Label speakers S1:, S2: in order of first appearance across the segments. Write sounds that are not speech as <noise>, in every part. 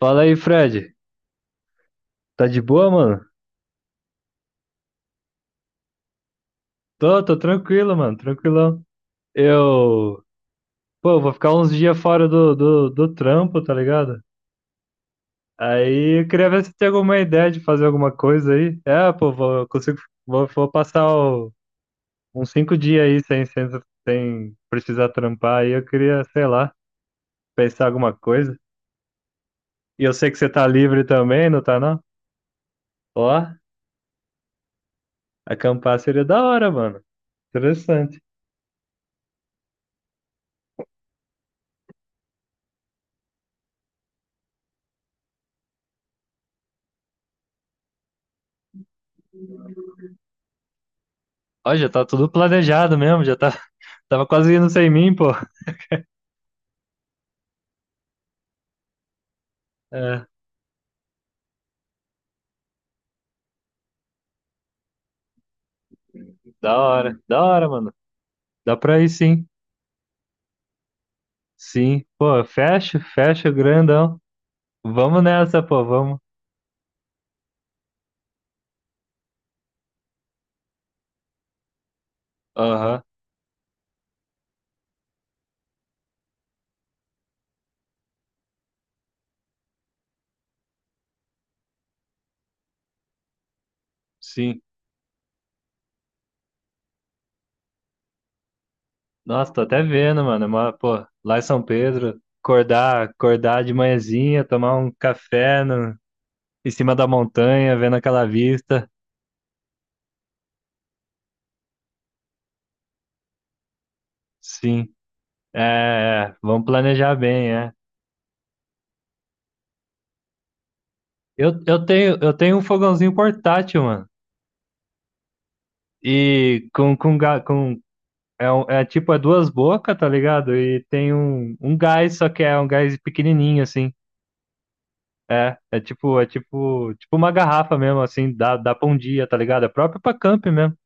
S1: Fala aí, Fred. Tá de boa, mano? Tô tranquilo, mano, tranquilão. Eu, pô, vou ficar uns dias fora do trampo, tá ligado? Aí eu queria ver se tem alguma ideia de fazer alguma coisa aí. É, pô, vou, eu consigo, vou passar uns 5 dias aí sem precisar trampar. Aí eu queria, sei lá, pensar alguma coisa. E eu sei que você tá livre também, não tá não? Ó, acampar seria da hora, mano. Interessante. Ó, já tá tudo planejado mesmo, já tá Tava quase indo sem mim, pô. É, da hora, mano. Dá pra ir sim. Sim. Pô, fecha, fecha, grandão. Vamos nessa, pô, vamos. Aham, sim. Nossa, tô até vendo, mano. Mas, pô, lá em São Pedro, acordar, acordar de manhãzinha, tomar um café no, em cima da montanha, vendo aquela vista. Sim. É, é, vamos planejar bem, é. Eu, eu tenho um fogãozinho portátil, mano. E com, ga- com É, um- é tipo duas bocas, tá ligado? E tem um gás, só que é um gás pequenininho, assim. É, tipo uma garrafa mesmo, assim, dá pra um dia, tá ligado? É próprio pra camp mesmo.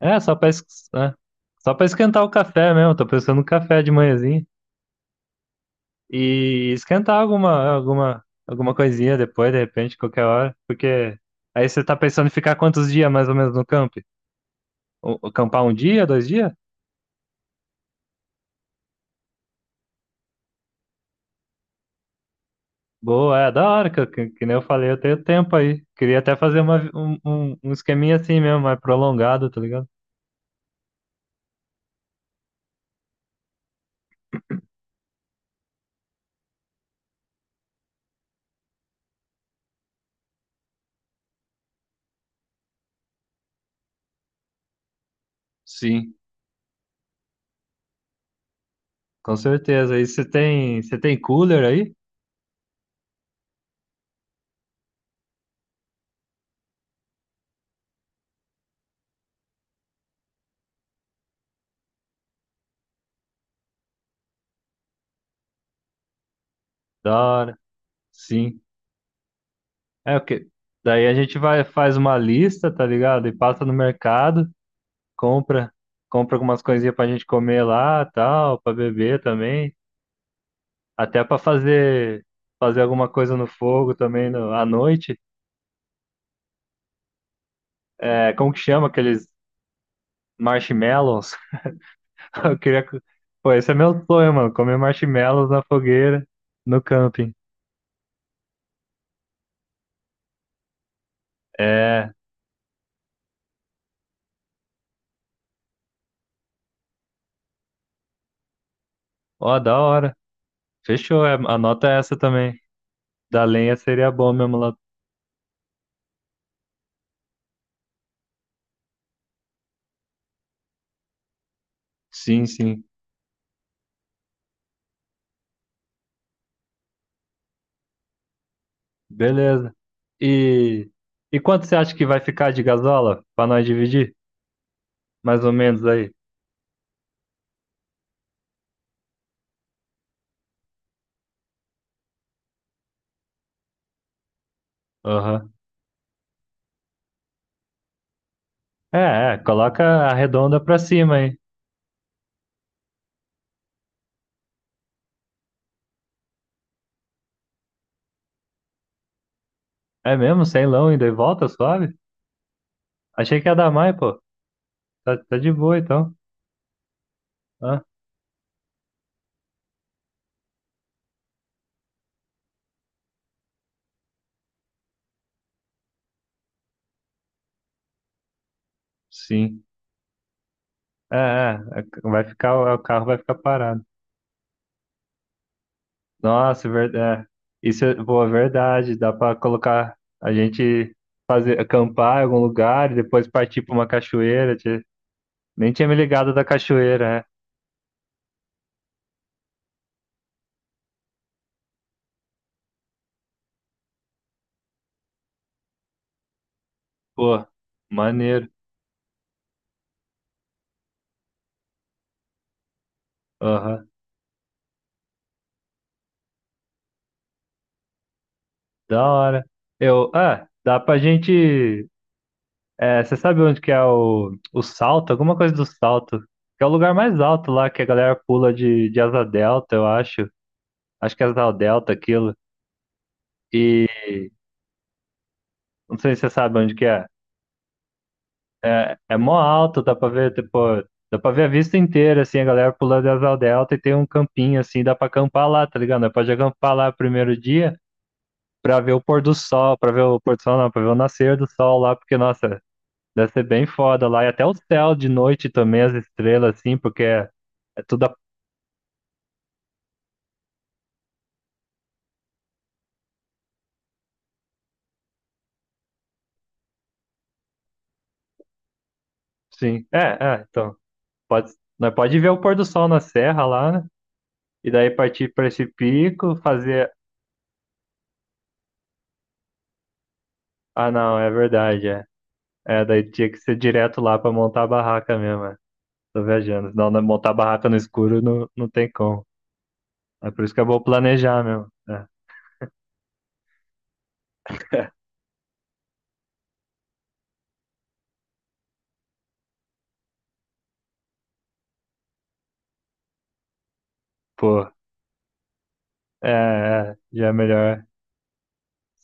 S1: É, só pra, es- é, só pra esquentar o café mesmo. Tô pensando no café de manhãzinha. E esquentar alguma coisinha depois, de repente, qualquer hora. Porque aí você tá pensando em ficar quantos dias mais ou menos no camp? Campar um dia, 2 dias? Boa, é da hora, que, que nem eu falei, eu tenho tempo aí. Queria até fazer uma, vi- um esqueminha assim mesmo, mais prolongado, tá ligado? Sim, com certeza. E você tem cooler aí? Da hora. Sim. É o que. Daí a gente vai, faz uma lista, tá ligado? E passa no mercado, compra, compra algumas coisinhas pra gente comer lá, tal, pra beber também, até pra fazer alguma coisa no fogo também no, à noite. É, como que chama aqueles marshmallows? <laughs> Eu queria. co- Pô, esse é meu sonho, mano. Comer marshmallows na fogueira, no camping. É. Ó, da hora. Fechou. É, anota essa também. Da lenha seria bom mesmo lá. Sim, sim. Beleza. E. E quanto você acha que vai ficar de gasola? Pra nós dividir? Mais ou menos aí. Aham. É, é. Coloca a redonda pra cima aí. É mesmo? Sem lão ainda e volta, suave? Achei que ia dar mais, pô. Tá de boa então. Ah, sim. É, o carro vai ficar parado. Nossa, é, isso é boa verdade. Dá pra colocar a gente fazer acampar em algum lugar e depois partir pra uma cachoeira. Tchê. Nem tinha me ligado da cachoeira, é. Pô, maneiro. Aham, da hora. Dá pra gente. É, você sabe onde que é o salto? Alguma coisa do salto. Que é o lugar mais alto lá que a galera pula de asa delta, eu acho. Acho que é asa delta aquilo. Não sei se você sabe onde que é. É mó alto, dá pra ver a vista inteira, assim, a galera pulando de asa delta e tem um campinho, assim, dá pra acampar lá, tá ligado? Nós pode acampar lá primeiro dia pra ver o pôr do sol, pra ver o pôr do sol, não, pra ver o nascer do sol lá, porque, nossa, deve ser bem foda lá. E até o céu de noite também, as estrelas, assim, porque é tudo, assim, então, pode, nós pode ver o pôr do sol na serra lá, né? E daí partir pra esse pico, fazer. Ah, não, é verdade. É. É, daí tinha que ser direto lá pra montar a barraca mesmo. É. Tô viajando. Senão né, montar a barraca no escuro não, não tem como. É por isso que é bom planejar mesmo. É, pô, é, já é melhor,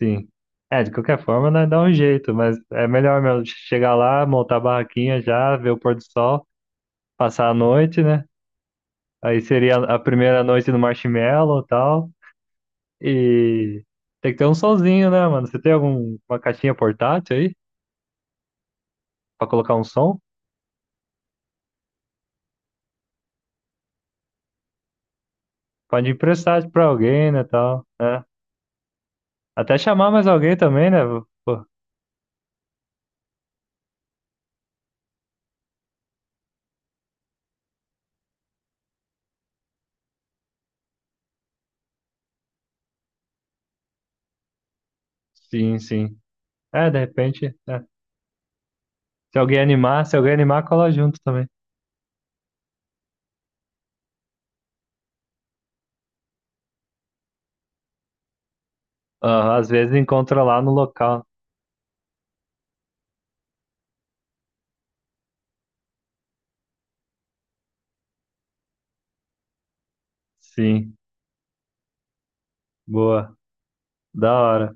S1: sim. É, de qualquer forma, nós dá um jeito, mas é melhor mesmo chegar lá, montar a barraquinha já, ver o pôr do sol, passar a noite, né? Aí seria a primeira noite no marshmallow e tal. E tem que ter um solzinho, né, mano? Você tem alguma caixinha portátil aí pra colocar um som? Pode emprestar pra alguém, né, tal. É. Até chamar mais alguém também, né? Pô, sim, sim. É, de repente, é. Se alguém animar, se alguém animar, cola junto também. Aham, às vezes encontra lá no local. Sim, boa, da hora.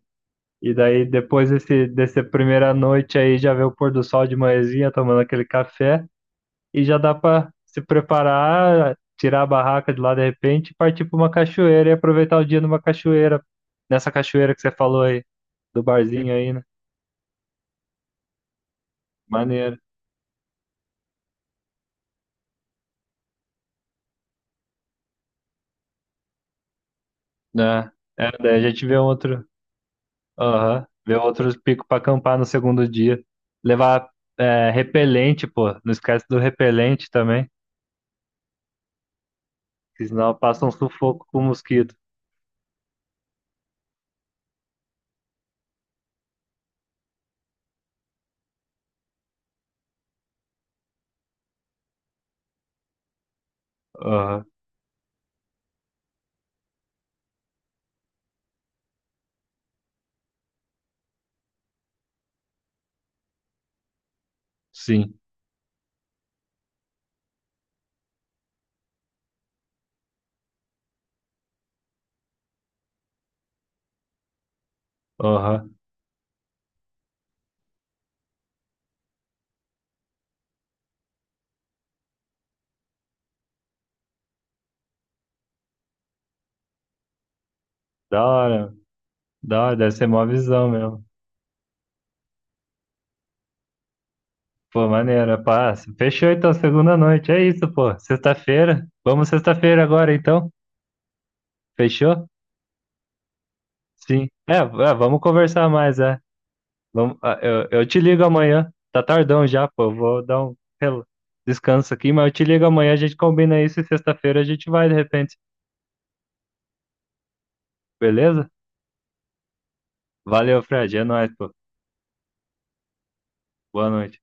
S1: E daí, depois desse, dessa primeira noite aí, já vê o pôr do sol de manhãzinha, tomando aquele café, e já dá pra se preparar, tirar a barraca de lá de repente, e partir pra uma cachoeira e aproveitar o dia numa cachoeira, nessa cachoeira que você falou aí, do barzinho aí, né? Maneiro, né? É, daí a gente vê outro, aham, vê outros picos pra acampar no segundo dia. Levar repelente, pô, não esquece do repelente também, que senão passa um sufoco com mosquito. Aham, sim, aham. Da hora, da hora, deve ser mó visão mesmo. Pô, maneiro, passa. Fechou então, segunda noite, é isso, pô, sexta-feira. Vamos sexta-feira agora então, fechou? Sim, vamos conversar mais, é. Vamos, ah, eu te ligo amanhã. Tá tardão já, pô. Eu vou dar um descanso aqui, mas eu te ligo amanhã. A gente combina isso e sexta-feira a gente vai de repente. Beleza? Valeu, Fred. É nóis, pô. Boa noite.